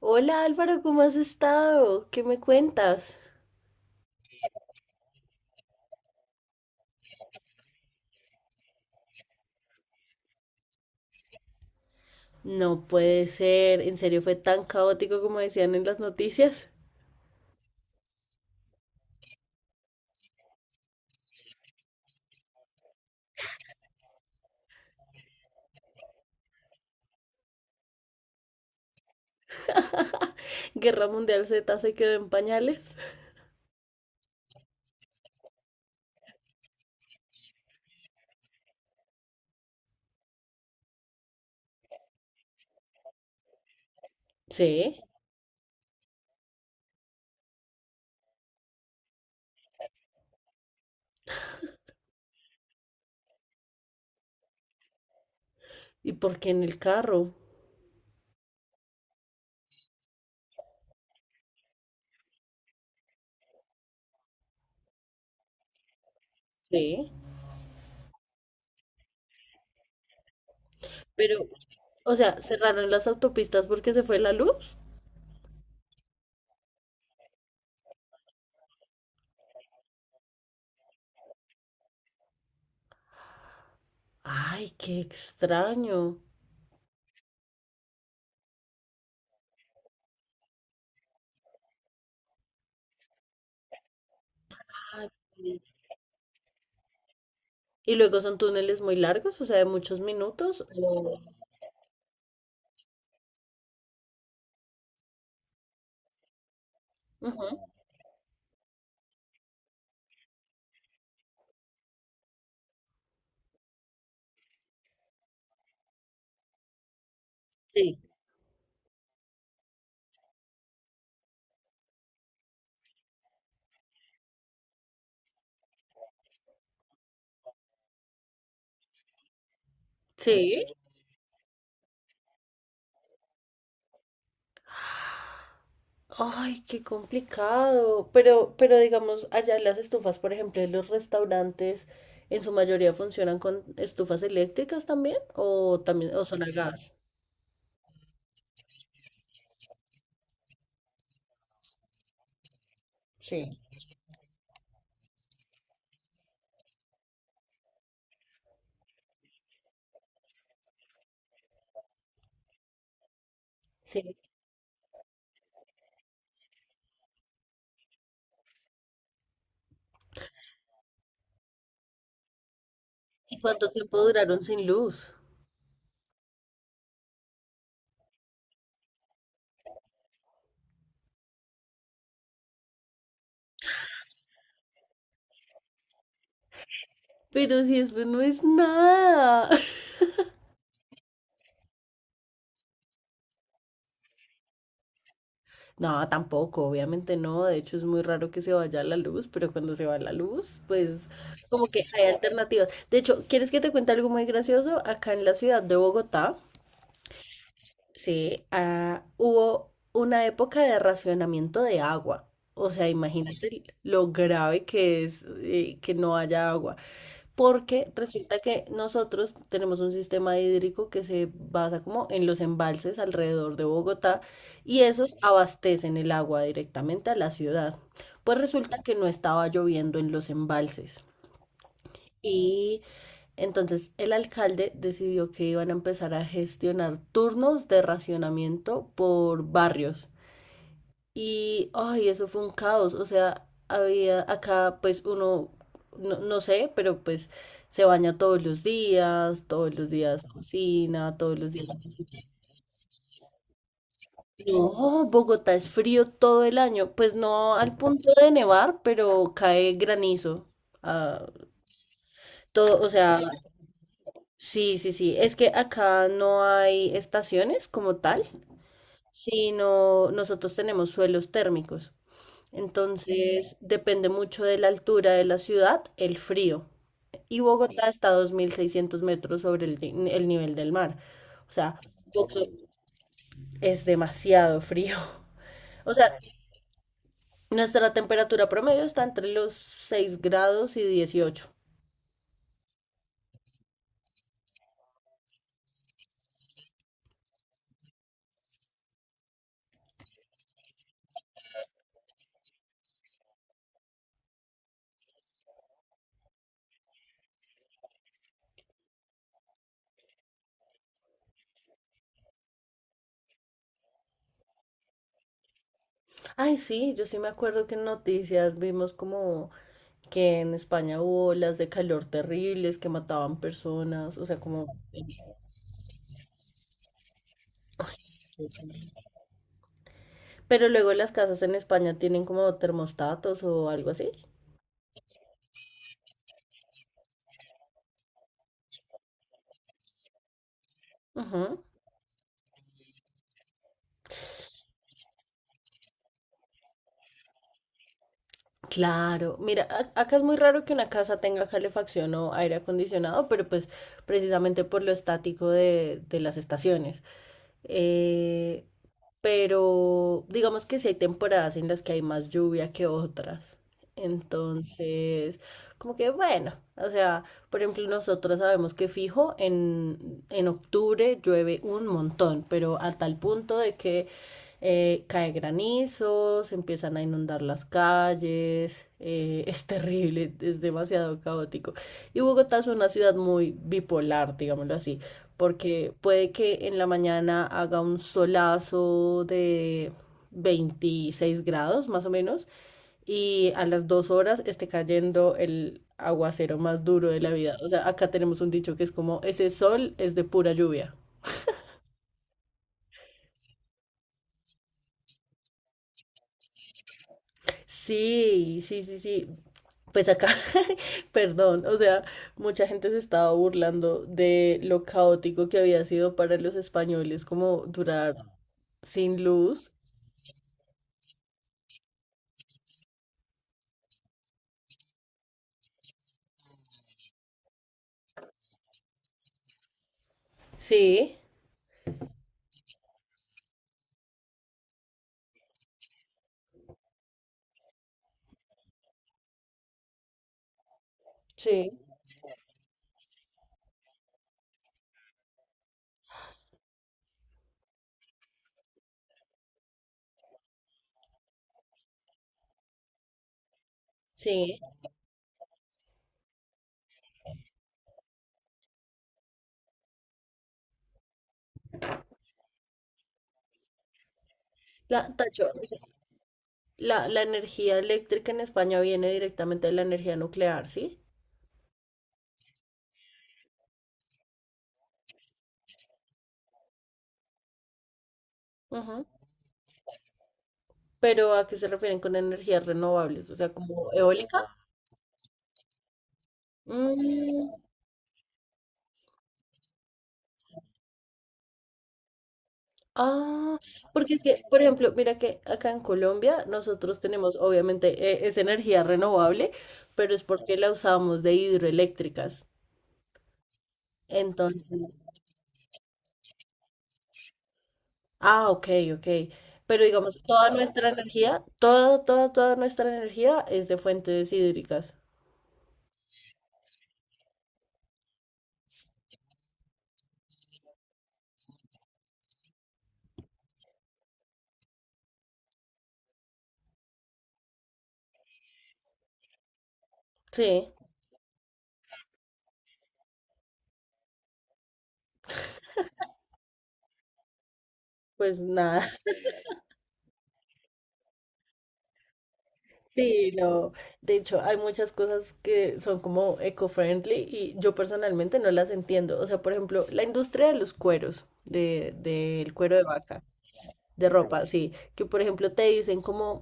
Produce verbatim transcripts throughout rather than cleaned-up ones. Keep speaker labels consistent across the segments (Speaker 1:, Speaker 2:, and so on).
Speaker 1: Hola Álvaro, ¿cómo has estado? ¿Qué me cuentas? No puede ser, en serio fue tan caótico como decían en las noticias. Guerra Mundial Z se quedó en pañales. Sí. ¿Y por qué en el carro? Sí. Pero, o sea, cerraron las autopistas porque se fue la luz. Ay, qué extraño. Ay, sí. Y luego son túneles muy largos, o sea, de muchos minutos. o- Ujú. Sí. Sí. Ay, qué complicado. Pero, pero digamos, allá las estufas, por ejemplo, en los restaurantes, en su mayoría funcionan con estufas eléctricas también, o también, o son a gas. Sí. Sí. ¿Y cuánto tiempo duraron sin luz? Pero si eso no es nada. No, tampoco, obviamente no. De hecho, es muy raro que se vaya la luz, pero cuando se va la luz, pues como que hay alternativas. De hecho, ¿quieres que te cuente algo muy gracioso? Acá en la ciudad de Bogotá. Sí, ah, hubo una época de racionamiento de agua. O sea, imagínate el- lo grave que es eh, que no haya agua. Porque resulta que nosotros tenemos un sistema hídrico que se basa como en los embalses alrededor de Bogotá y esos abastecen el agua directamente a la ciudad. Pues resulta que no estaba lloviendo en los embalses. Y entonces el alcalde decidió que iban a empezar a gestionar turnos de racionamiento por barrios. Y, ay, eso fue un caos. O sea, había acá, pues uno, no, no sé, pero pues se baña todos los días, todos los días cocina, todos los días. No, Bogotá es frío todo el año. Pues no al punto de nevar, pero cae granizo. Ah, todo, o sea, sí, sí, sí. Es que acá no hay estaciones como tal, sino nosotros tenemos suelos térmicos. Entonces, depende mucho de la altura de la ciudad, el frío. Y Bogotá está a dos mil seiscientos metros sobre el, ni- el nivel del mar. O sea, Boxo- es demasiado frío. O sea, nuestra temperatura promedio está entre los seis grados y dieciocho. Ay, sí, yo sí me acuerdo que en noticias vimos como que en España hubo olas de calor terribles que mataban personas, o sea, como... Pero luego las casas en España tienen como termostatos o algo así. Ujú. Claro, mira, a- acá es muy raro que una casa tenga calefacción o aire acondicionado, pero pues precisamente por lo estático de, de las estaciones. eh, pero digamos que sí hay temporadas en las que hay más lluvia que otras. Entonces, como que bueno, o sea, por ejemplo, nosotros sabemos que fijo en, en octubre llueve un montón, pero a tal punto de que eh, cae granizo, se empiezan a inundar las calles, eh, es terrible, es demasiado caótico. Y Bogotá es una ciudad muy bipolar, digámoslo así porque puede que en la mañana haga un solazo de veintiséis grados más o menos y a las dos horas esté cayendo el aguacero más duro de la vida. O sea, acá tenemos un dicho que es como, ese sol es de pura lluvia. Sí, sí, sí, sí. Pues acá, perdón, o sea, mucha gente se estaba burlando de lo caótico que había sido para los españoles como durar sin luz. Sí, sí. Sí. La, Tacho, dice, la, la energía eléctrica en España viene directamente de la energía nuclear, ¿sí? Ujú. Pero ¿a qué se refieren con energías renovables? O sea, como eólica. Mm, ah, porque es que, por ejemplo, mira que acá en Colombia nosotros tenemos, obviamente, eh, es energía renovable, pero es porque la usamos de hidroeléctricas. Entonces, ah, ok, ok. Pero digamos, toda nuestra energía, toda, toda, toda nuestra energía es de fuentes hídricas. Sí. Pues nada, sí, lo, de hecho hay muchas cosas que son como eco-friendly y yo personalmente no las entiendo. O sea, por ejemplo, la industria de los cueros, de, del cuero de vaca, de ropa, sí, que por ejemplo te dicen como,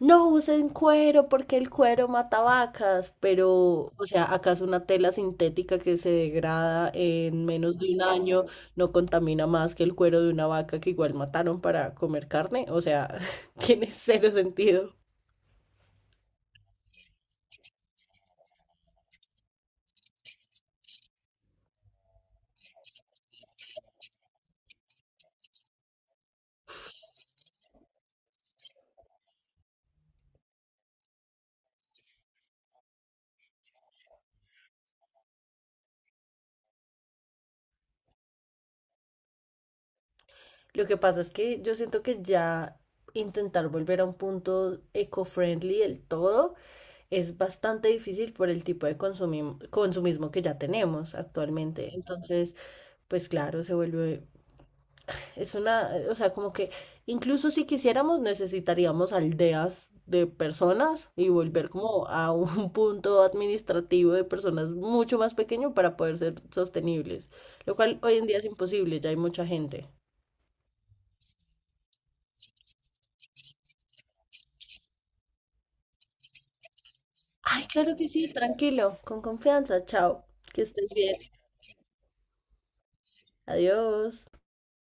Speaker 1: no usen cuero porque el cuero mata vacas, pero, o sea, acaso una tela sintética que se degrada en menos de un año no contamina más que el cuero de una vaca que igual mataron para comer carne, o sea, tiene cero sentido. Lo que pasa es que yo siento que ya intentar volver a un punto eco-friendly del todo es bastante difícil por el tipo de consumim- consumismo que ya tenemos actualmente. Entonces, pues claro, se vuelve, es una, o sea, como que incluso si quisiéramos necesitaríamos aldeas de personas y volver como a un punto administrativo de personas mucho más pequeño para poder ser sostenibles, lo cual hoy en día es imposible, ya hay mucha gente. Ay, claro que sí, tranquilo, con confianza, chao, que estés bien, adiós.